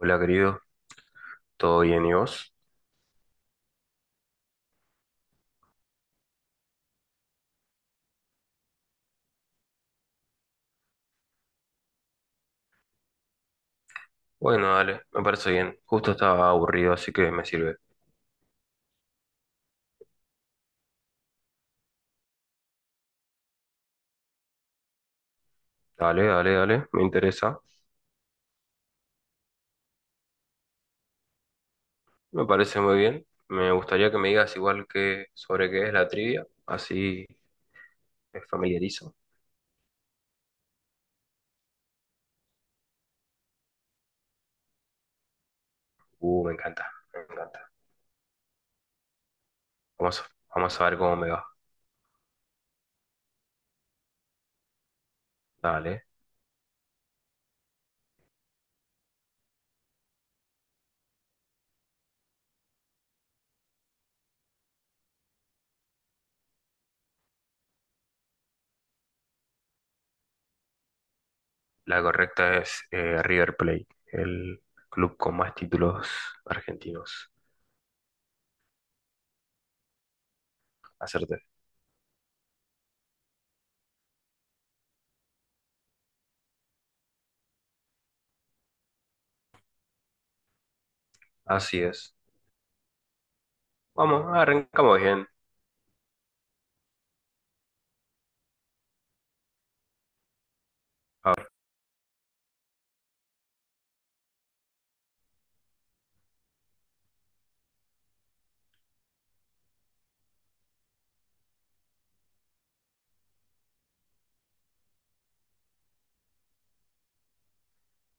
Hola querido, ¿todo bien y vos? Bueno, dale, me parece bien. Justo estaba aburrido, así que me sirve. Dale, dale, dale, me interesa. Me parece muy bien. Me gustaría que me digas igual que sobre qué es la trivia, así me familiarizo. Me encanta, me encanta. Vamos, vamos a ver cómo me va. Dale. La correcta es River Plate, el club con más títulos argentinos. Acerté. Así es. Vamos, arrancamos bien.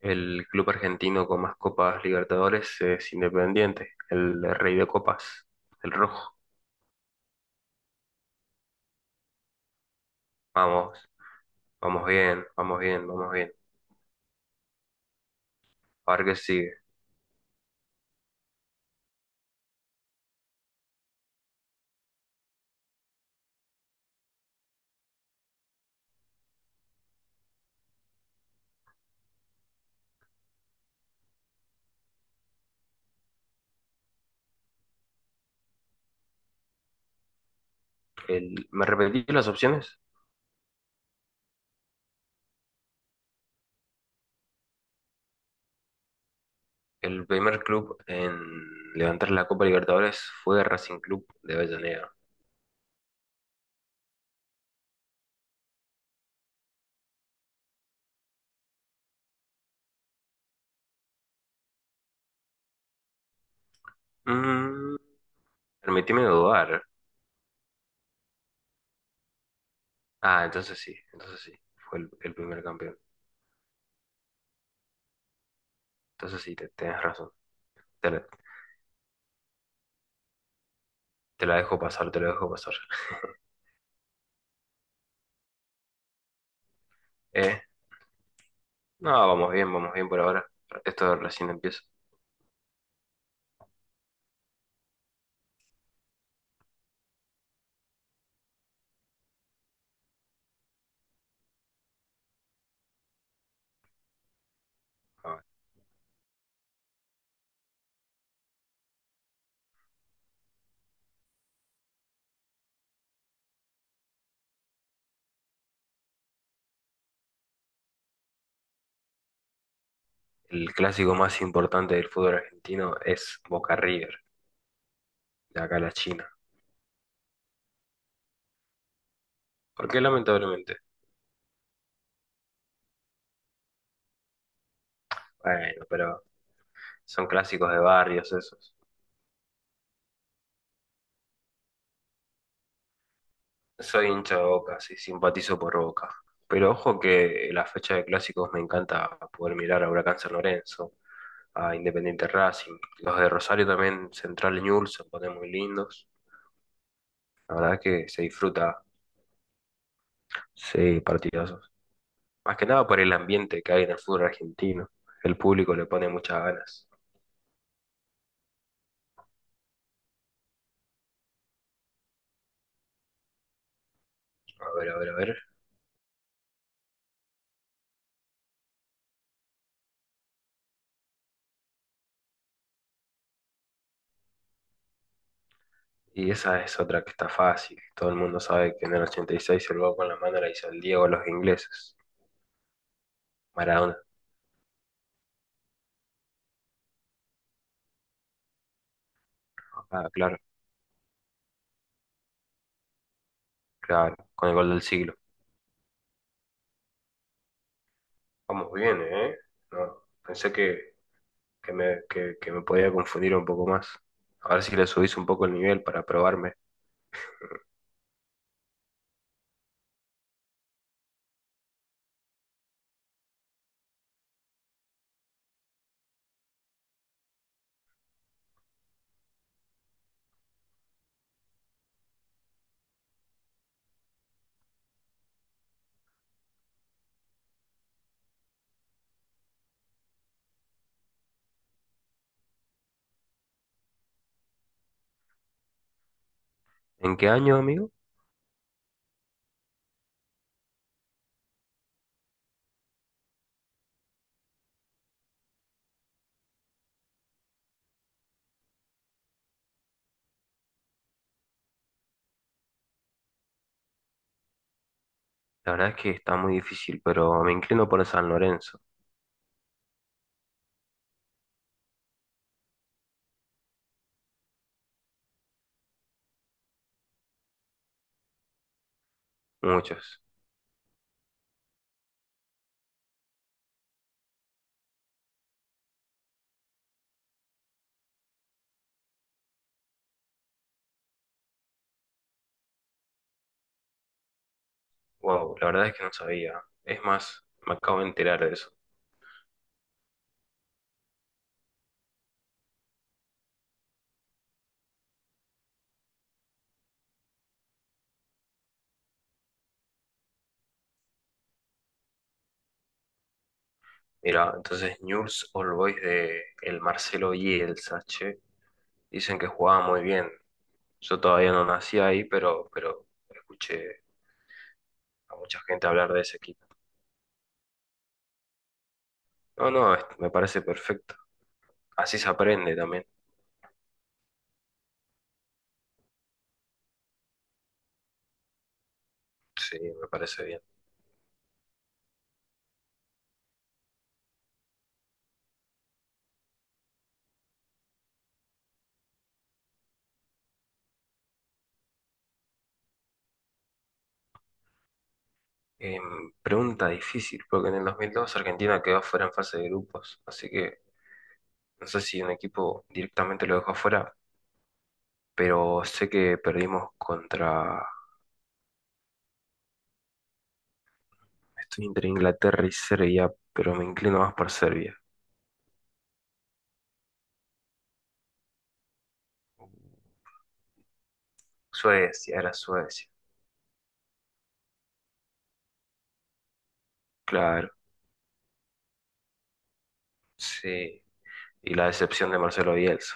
El club argentino con más Copas Libertadores es Independiente, el rey de copas, el rojo. Vamos, vamos bien, vamos bien, vamos bien. A ver qué sigue. ¿Me repetí las opciones? El primer club en levantar la Copa Libertadores fue Racing Club de Avellaneda. Mm, permitime dudar. Ah, entonces sí, fue el primer campeón. Entonces sí, tenés razón. Te, la Te la dejo pasar, te la dejo pasar. Eh, no, vamos bien por ahora. Esto recién empieza. Ah, el clásico más importante del fútbol argentino es Boca River, de acá a la China. ¿Por qué lamentablemente? Bueno, pero son clásicos de barrios esos. Soy hincha de Boca, sí, simpatizo por Boca. Pero ojo que en la fecha de clásicos me encanta poder mirar a Huracán San Lorenzo, a Independiente Racing, los de Rosario también, Central y Newell's se ponen muy lindos. La verdad que se disfruta, sí, partidazos. Más que nada por el ambiente que hay en el fútbol argentino. El público le pone muchas ganas. A ver, a ver, a ver. Y esa es otra que está fácil. Todo el mundo sabe que en el 86 el gol con la mano la hizo el Diego a los ingleses. Maradona. Ah, claro, claro. Con el gol del siglo. Vamos bien, ¿eh? No, pensé que, que me podía confundir un poco más. A ver si le subís un poco el nivel para probarme. ¿En qué año, amigo? La verdad es que está muy difícil, pero me inclino por el San Lorenzo. Muchos. Wow, la verdad es que no sabía. Es más, me acabo de enterar de eso. Mira, entonces Newell's Old Boys de el Marcelo Bielsa, che, dicen que jugaba muy bien. Yo todavía no nací ahí, pero escuché a mucha gente hablar de ese equipo. No, no, es- me parece perfecto. Así se aprende también. Sí, me parece bien. Pregunta difícil, porque en el 2002 Argentina quedó fuera en fase de grupos, así que no sé si un equipo directamente lo dejó fuera, pero sé que perdimos contra... Estoy entre Inglaterra y Serbia, pero me inclino más por Serbia. Suecia, era Suecia. Claro. Sí. Y la decepción de Marcelo Bielsa.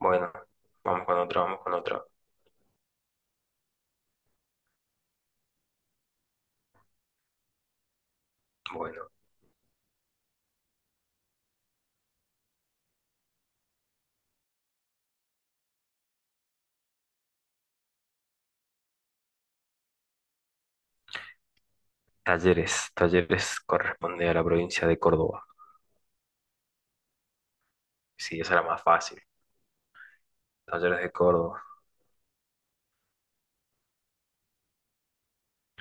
Bueno, vamos con otra, vamos con otra. Bueno, Talleres. Talleres corresponde a la provincia de Córdoba. Sí, esa era más fácil. Talleres de Córdoba.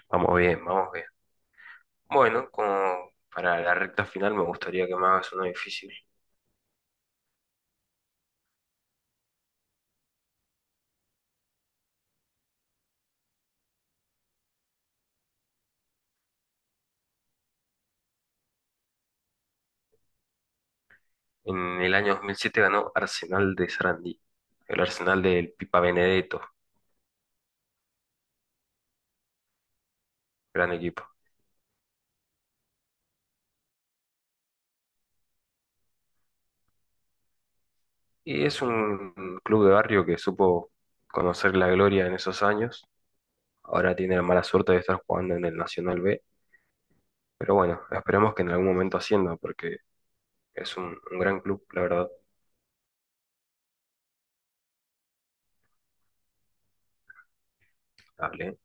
Vamos bien, vamos bien. Bueno, como para la recta final me gustaría que me hagas uno difícil. En el año 2007 ganó Arsenal de Sarandí. El Arsenal del Pipa Benedetto. Gran equipo. Y es un club de barrio que supo conocer la gloria en esos años. Ahora tiene la mala suerte de estar jugando en el Nacional B. Pero bueno, esperemos que en algún momento ascienda porque es un gran club, la verdad. Hablé.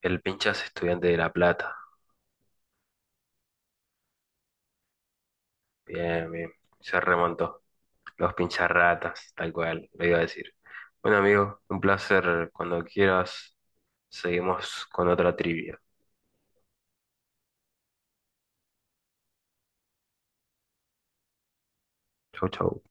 El Pinchas Estudiante de La Plata. Bien, bien. Se remontó. Los Pincharratas, tal cual, lo iba a decir. Bueno, amigo, un placer. Cuando quieras, seguimos con otra trivia. Chau, chau.